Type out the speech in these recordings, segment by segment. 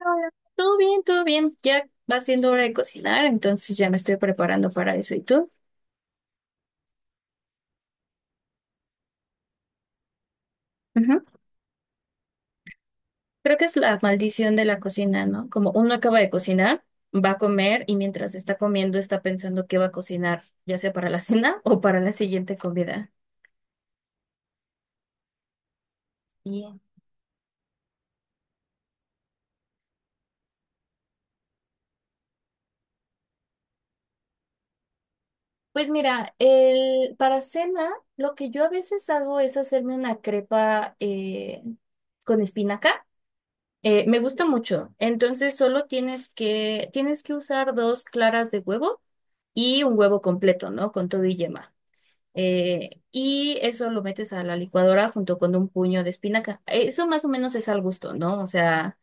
Hola. Todo bien, todo bien. Ya va siendo hora de cocinar, entonces ya me estoy preparando para eso. ¿Y tú? Ujú. Creo que es la maldición de la cocina, ¿no? Como uno acaba de cocinar, va a comer y mientras está comiendo está pensando qué va a cocinar, ya sea para la cena o para la siguiente comida. Bien. Pues mira, para cena, lo que yo a veces hago es hacerme una crepa con espinaca. Me gusta mucho. Entonces solo tienes que usar dos claras de huevo y un huevo completo, ¿no? Con todo y yema. Y eso lo metes a la licuadora junto con un puño de espinaca. Eso más o menos es al gusto, ¿no? O sea,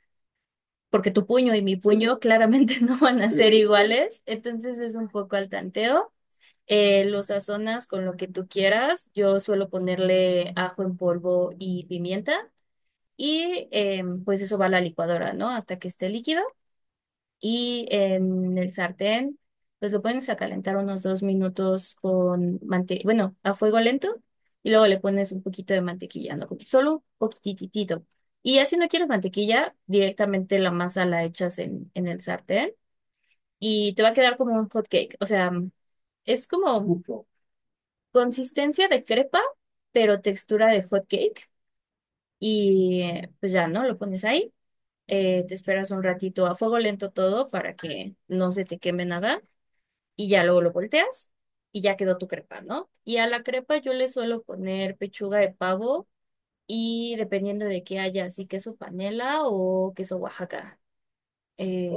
porque tu puño y mi puño claramente no van a ser iguales, entonces es un poco al tanteo. Lo sazonas con lo que tú quieras. Yo suelo ponerle ajo en polvo y pimienta. Y pues eso va a la licuadora, ¿no? Hasta que esté líquido y en el sartén, pues lo pones a calentar unos 2 minutos bueno, a fuego lento y luego le pones un poquito de mantequilla, ¿no? Como solo un poquititito. Y ya si no quieres mantequilla, directamente la masa la echas en el sartén y te va a quedar como un hot cake. O sea, es como consistencia de crepa, pero textura de hot cake. Pues ya, ¿no? Lo pones ahí. Te esperas un ratito a fuego lento todo para que no se te queme nada y ya luego lo volteas y ya quedó tu crepa, ¿no? Y a la crepa yo le suelo poner pechuga de pavo y dependiendo de qué haya, así queso panela o queso Oaxaca. Eh,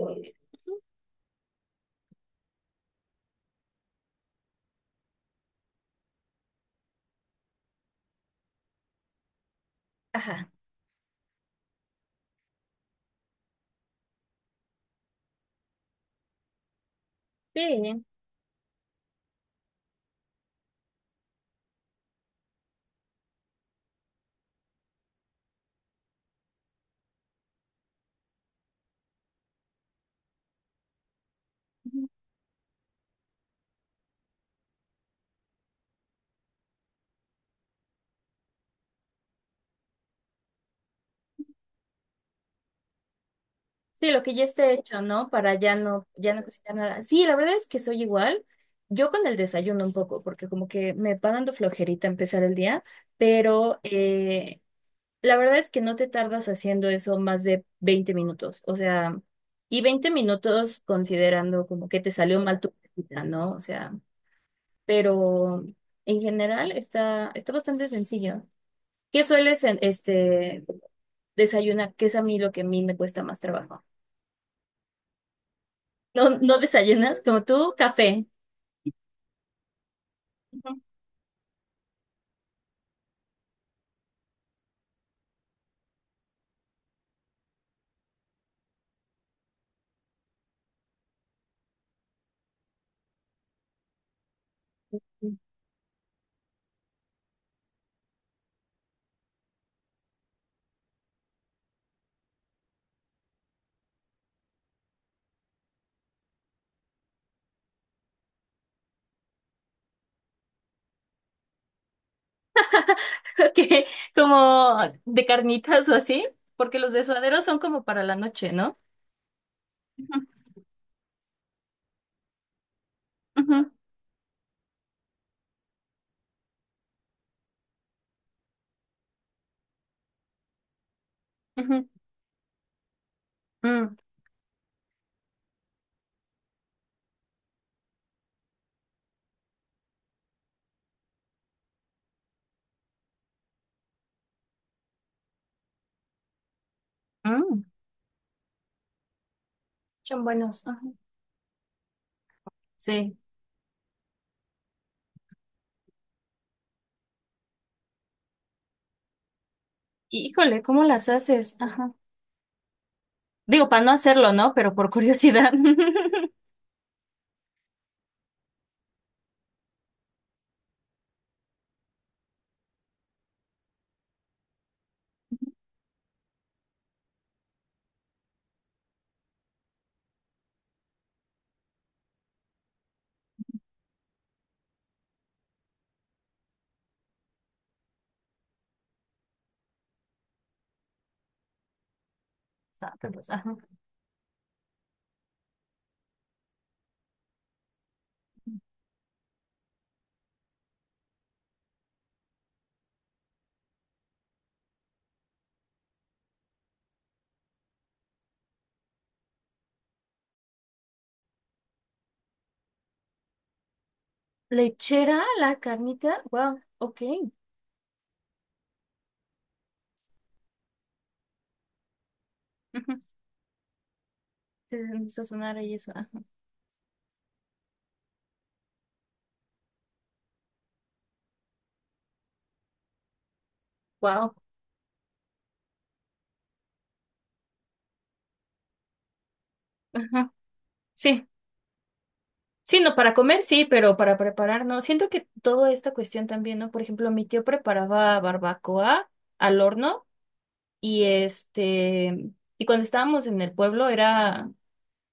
ajá, sí. Ujú. Sí, lo que ya esté hecho, ¿no? Para ya no, ya no cocinar nada. Sí, la verdad es que soy igual. Yo con el desayuno un poco, porque como que me va dando flojerita empezar el día, pero la verdad es que no te tardas haciendo eso más de 20 minutos, o sea, y 20 minutos considerando como que te salió mal tu práctica, ¿no? O sea, pero en general está bastante sencillo. ¿Qué sueles desayunar? Que es a mí lo que a mí me cuesta más trabajo. ¿No, no desayunas como tú? Café. Ujú. Que como de carnitas o así, porque los de son como para la noche, ¿no? Ujú, ujú, ujú. Mm. Mm. Son buenos. Sí. Híjole, ¿cómo las haces? Ajá. Digo, para no hacerlo, ¿no? Pero por curiosidad. Sácalos, ajá. Lechera, la carnita. Wow, ok. Ujú. Entonces empezó a sonar ahí eso. Ajá. Wow. Ajá. Sí. Sí, no, para comer sí, pero para preparar no. Siento que toda esta cuestión también, ¿no? Por ejemplo, mi tío preparaba barbacoa al horno y y cuando estábamos en el pueblo era,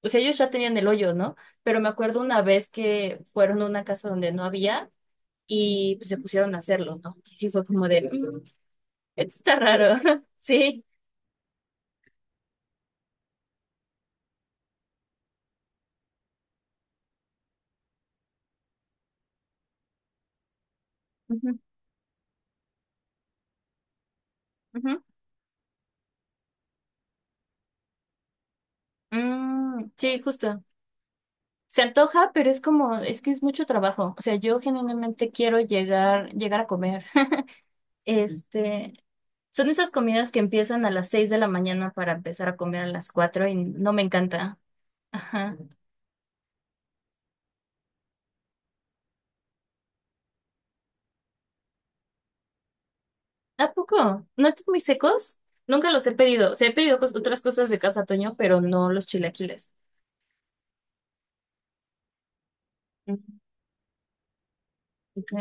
o sea, ellos ya tenían el hoyo, ¿no? Pero me acuerdo una vez que fueron a una casa donde no había y pues, se pusieron a hacerlo, ¿no? Y sí fue como de, "Mm, esto está raro", sí. Ujú, ujú. Mm, sí, justo. Se antoja, pero es como, es que es mucho trabajo. O sea, yo genuinamente quiero llegar a comer. Este, Son esas comidas que empiezan a las 6 de la mañana para empezar a comer a las 4 y no me encanta. Ajá. ¿A poco? ¿No están muy secos? Nunca los he pedido. O sea, he pedido otras cosas de Casa Toño, pero no los chilaquiles. Ujú. Ok,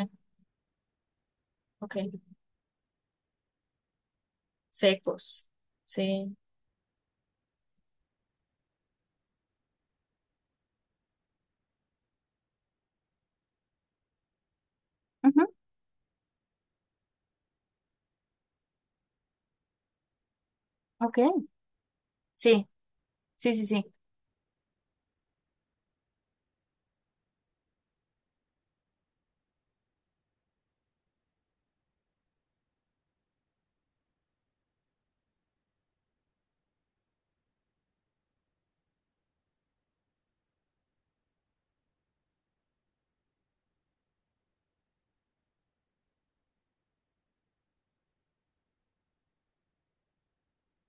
ok. Secos. Sí. Ujú. Ok. Sí, sí, sí, sí.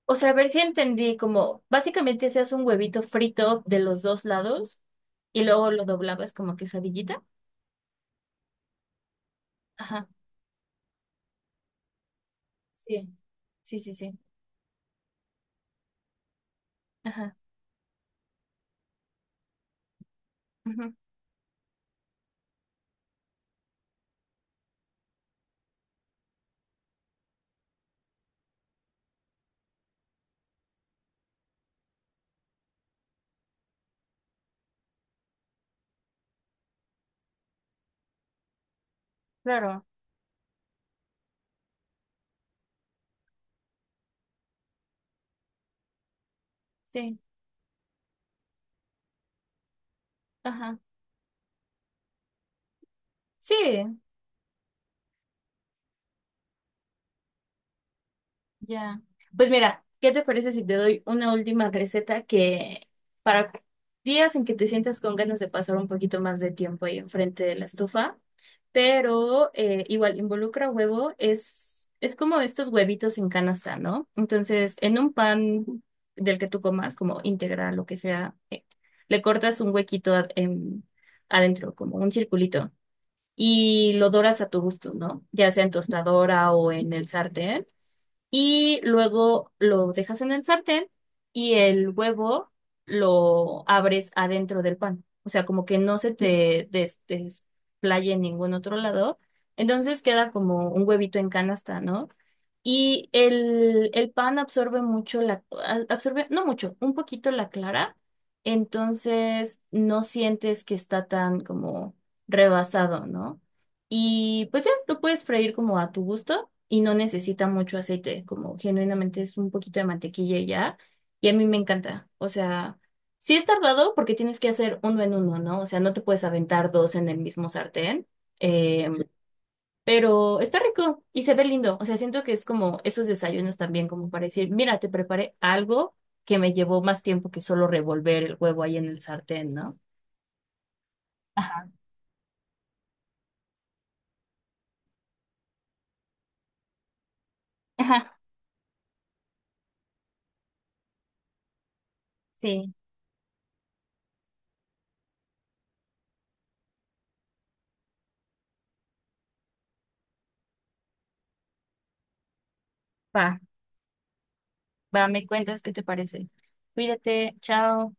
O sea, a ver si entendí, como básicamente se hace un huevito frito de los dos lados y luego lo doblabas como quesadillita. Ajá, sí, sí, sí, sí. Ajá. Ujú. Claro. Sí, ajá. Sí. Ya. Pues mira, ¿qué te parece si te doy una última receta que para días en que te sientas con ganas de pasar un poquito más de tiempo ahí enfrente de la estufa? Pero igual involucra huevo, es como estos huevitos en canasta, ¿no? Entonces, en un pan del que tú comas, como integral, lo que sea, le cortas un huequito adentro, como un circulito, y lo doras a tu gusto, ¿no? Ya sea en tostadora o en el sartén y luego lo dejas en el sartén y el huevo lo abres adentro del pan. O sea, como que no se te desplaye en ningún otro lado. Entonces queda como un huevito en canasta, ¿no? Y el pan absorbe mucho absorbe, no mucho, un poquito la clara. Entonces no sientes que está tan como rebasado, ¿no? Y pues ya, lo puedes freír como a tu gusto y no necesita mucho aceite, como genuinamente es un poquito de mantequilla y ya, y a mí me encanta, o sea, sí es tardado porque tienes que hacer uno en uno, ¿no? O sea, no te puedes aventar dos en el mismo sartén, eh, pero está rico y se ve lindo, o sea, siento que es como esos desayunos también, como para decir, mira, te preparé algo que me llevó más tiempo que solo revolver el huevo ahí en el sartén, ¿no? Ajá, ajá, sí, va, va, me cuentas qué te parece. Cuídate, chao.